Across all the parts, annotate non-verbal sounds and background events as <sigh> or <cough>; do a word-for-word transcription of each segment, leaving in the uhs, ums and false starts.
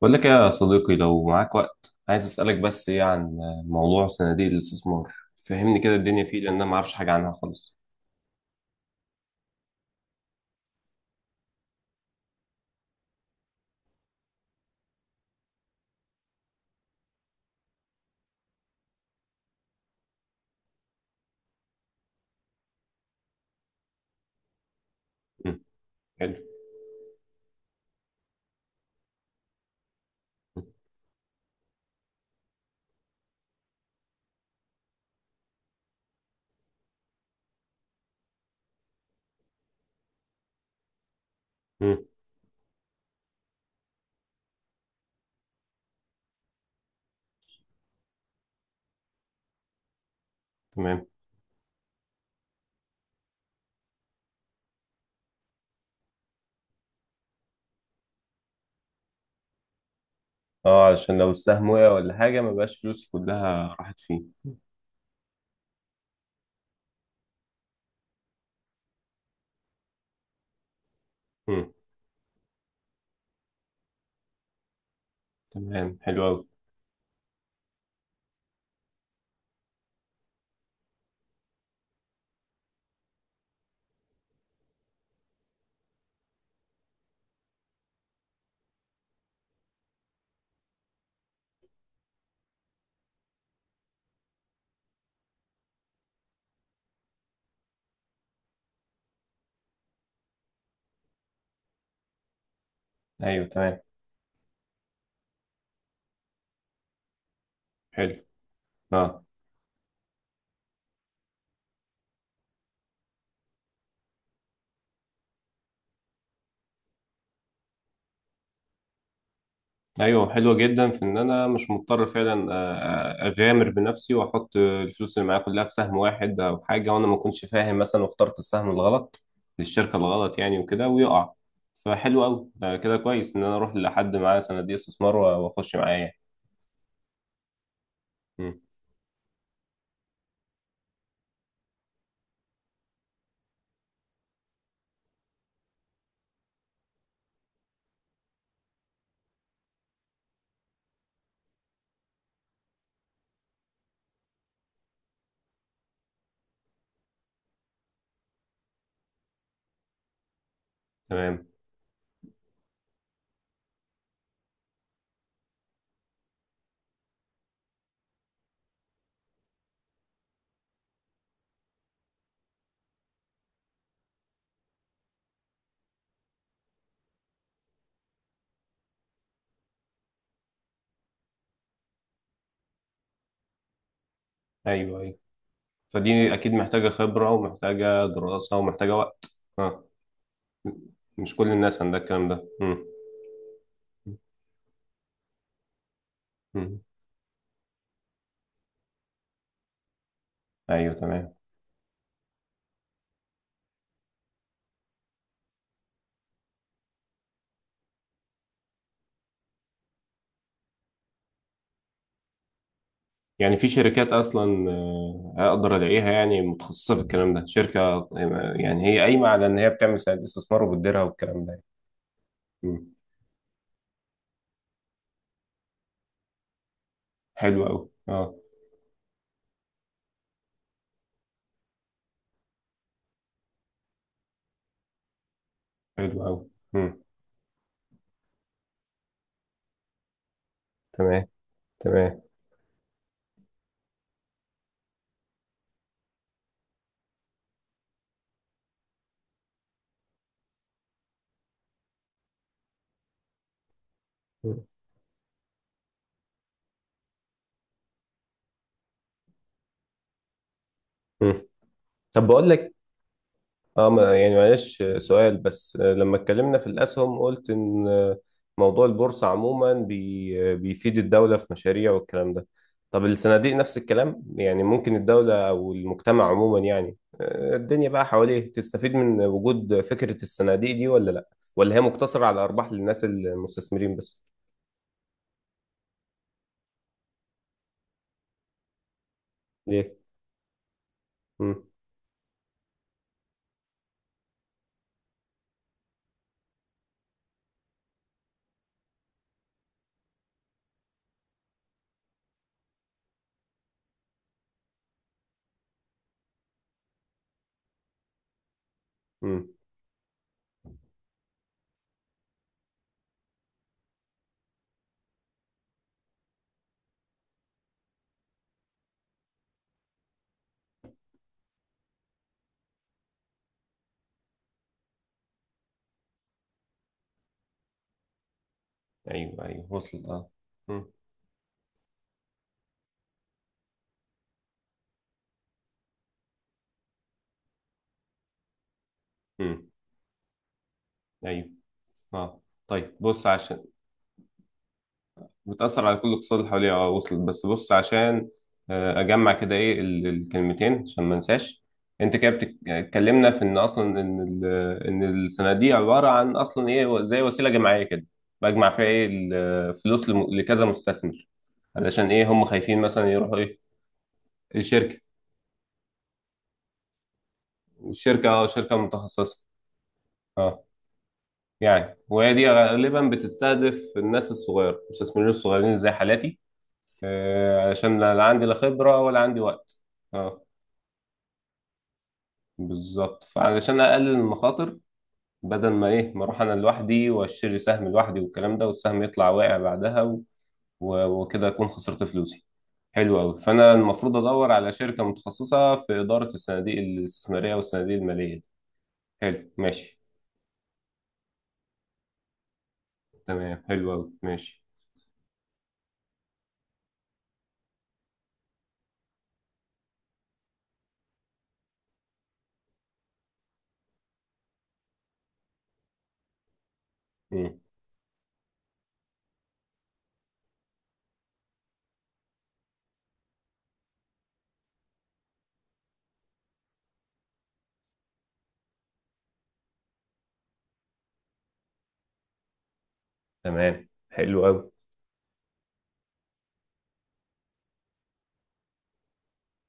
بقول لك إيه يا صديقي؟ لو معاك وقت عايز أسألك بس إيه عن موضوع صناديق الاستثمار. فهمني كده الدنيا فيه، لأن أنا ما أعرفش حاجة عنها خالص. مم. حلو. مم. تمام. أه، علشان لو السهم وقع ولا حاجة ما بقاش فلوسي كلها راحت فيه. مم. تمام، حلو أوي. أيوه تمام. حلو. أه، ايوه، حلوه جدا في ان انا مش مضطر فعلا آه، آه، اغامر بنفسي واحط الفلوس اللي معايا كلها في سهم واحد او حاجه، وانا ما كنتش فاهم مثلا واخترت السهم الغلط للشركه الغلط يعني وكده ويقع. فحلو قوي ده، كده كويس ان انا اروح لحد معاه صناديق استثمار واخش معاه يعني. مم. تمام. ايوه ايوه، فدي اكيد محتاجه خبره ومحتاجه دراسه ومحتاجه وقت. آه. مش كل الناس عندها الكلام ده. مم. مم. ايوه تمام. يعني في شركات اصلا آه، اقدر الاقيها يعني متخصصه في الكلام ده، شركه آه، يعني هي قايمه على ان هي بتعمل سند استثمار وبتديرها والكلام ده يعني. مم. حلو قوي، اه. حلو قوي. تمام. تمام. مم. مم. طب بقول لك، اه، ما- يعني معلش سؤال بس. لما اتكلمنا في الأسهم قلت إن موضوع البورصة عموما بي بيفيد الدولة في مشاريع والكلام ده. طب الصناديق نفس الكلام يعني؟ ممكن الدولة أو المجتمع عموما، يعني آه، الدنيا بقى حواليه، تستفيد من وجود فكرة الصناديق دي ولا لأ؟ ولا هي مقتصرة على أرباح للناس المستثمرين بس؟ ليه؟ مم. مم. ايوه ايوه وصلت، اه. مم. مم. ايوه. اه. طيب بص عشان بتأثر على كل الاقتصاد اللي حواليها، اه وصلت. بس بص عشان آه، أجمع كده إيه ال- الكلمتين عشان ما انساش. أنت كده بتك- اتكلمنا في إن أصلا إن ال- إن السنة دي عبارة عن أصلا إيه، زي وسيلة جماعية كده. بجمع فيها إيه؟ الفلوس لم- لكذا مستثمر. علشان إيه؟ هم خايفين مثلا يروحوا إيه؟ الشركة. الشركة، اه، شركة متخصصة. اه. يعني وهي دي غالبا بتستهدف الناس الصغيرة، المستثمرين الصغيرين زي حالاتي. آه، علشان لا لا عندي لا خبرة ولا عندي وقت. اه. بالظبط. فعلشان اقلل المخاطر، بدل ما ايه ما اروح انا لوحدي واشتري سهم لوحدي والكلام ده والسهم يطلع واقع بعدها و- و- وكده اكون خسرت فلوسي. حلو قوي. فانا المفروض ادور على شركه متخصصه في اداره الصناديق الاستثماريه والصناديق الماليه دي. حلو، ماشي. تمام، حلو قوي، ماشي. مم. تمام، حلو قوي،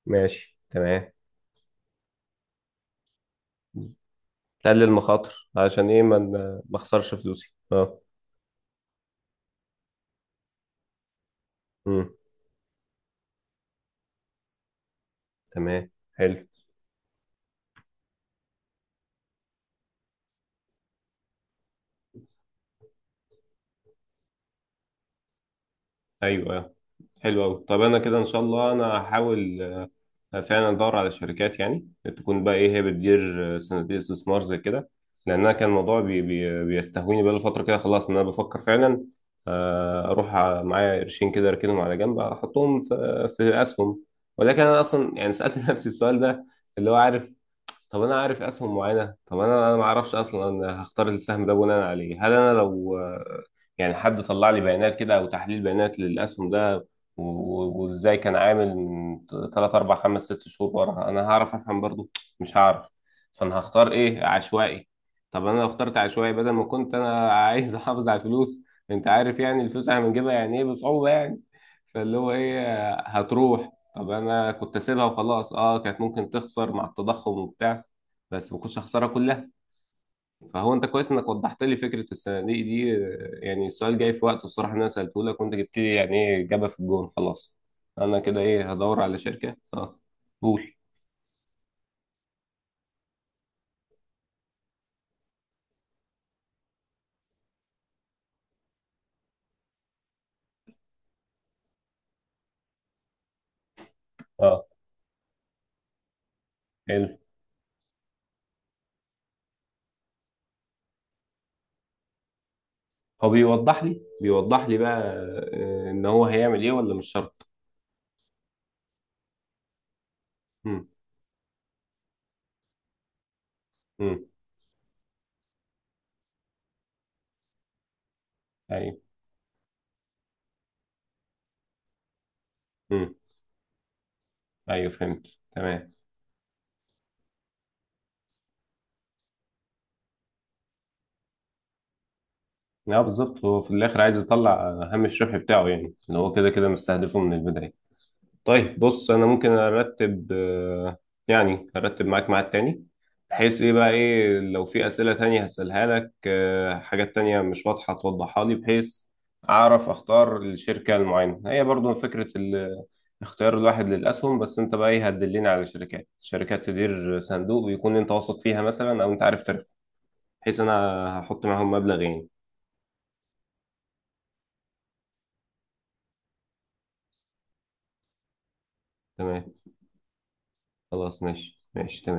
ماشي. تمام. تقلل المخاطر عشان ايه، ما ما اخسرش فلوسي، اه. مم. تمام، حلو. ايوه. حلو أوي. طب أنا كده إن شاء الله أنا هحاول آه، فعلا أدور على شركات يعني تكون بقى إيه، هي بتدير آه، صناديق استثمار زي كده. لأن أنا كان الموضوع بي بي بيستهويني بقى فترة كده، خلاص إن أنا بفكر فعلا آه، أروح على- معايا قرشين كده أركنهم على جنب، أحطهم في في أسهم. ولكن أنا أصلا يعني سألت <laughs> نفسي السؤال ده، اللي هو عارف. طب انا عارف اسهم معينه، طب انا انا ما اعرفش اصلا. انا هختار السهم ده بناء على ايه؟ هل انا لو آه، يعني حد طلع لي بيانات كده او تحليل بيانات للاسهم ده و- و- وازاي كان عامل من ثلاثة أربعة خمسة ستة شهور ورا، انا هعرف افهم برضو؟ مش هعرف. فانا هختار ايه؟ عشوائي. طب انا لو اخترت عشوائي بدل ما كنت انا عايز <laughs> احافظ على الفلوس. انت عارف يعني الفلوس احنا بنجيبها يعني ايه، بصعوبه يعني. فاللي هو ايه، هتروح. طب انا كنت اسيبها وخلاص، اه، كانت ممكن تخسر مع التضخم وبتاع، بس ما كنتش اخسرها كلها. فهو انت كويس انك وضحت لي فكره الصناديق دي. آه، يعني السؤال جاي في وقته الصراحه، إن انا سالته لك وانت جبت لي يعني ايه اجابه في الجون. خلاص انا كده ايه، هدور على شركه، اه. قول. اه. حلو. هو بيوضح لي، بيوضح لي بقى آه، ان هو هيعمل ايه ولا مش شرط؟ امم. امم. ايوه. امم. ايوه، فهمت. تمام. اه بالظبط، هو في الاخر عايز يطلع آه، هامش الربح بتاعه يعني، اللي هو كده كده مستهدفه من البدايه. طيب بص، انا ممكن ارتب آه، يعني ارتب معاك ميعاد تاني، بحيث ايه بقى، ايه لو في اسئله تانية هسألها لك آه، حاجات تانية مش واضحه توضحها لي، بحيث اعرف اختار الشركه المعينه. هي برضو فكره ال- اختيار الواحد للاسهم. بس انت بقى ايه، هتدلني على شركات شركات تدير صندوق ويكون انت واثق فيها مثلا او انت عارف تاريخها، بحيث انا هحط معاهم مبلغ يعني. تمام. خلاص ماشي، ماشي تمام.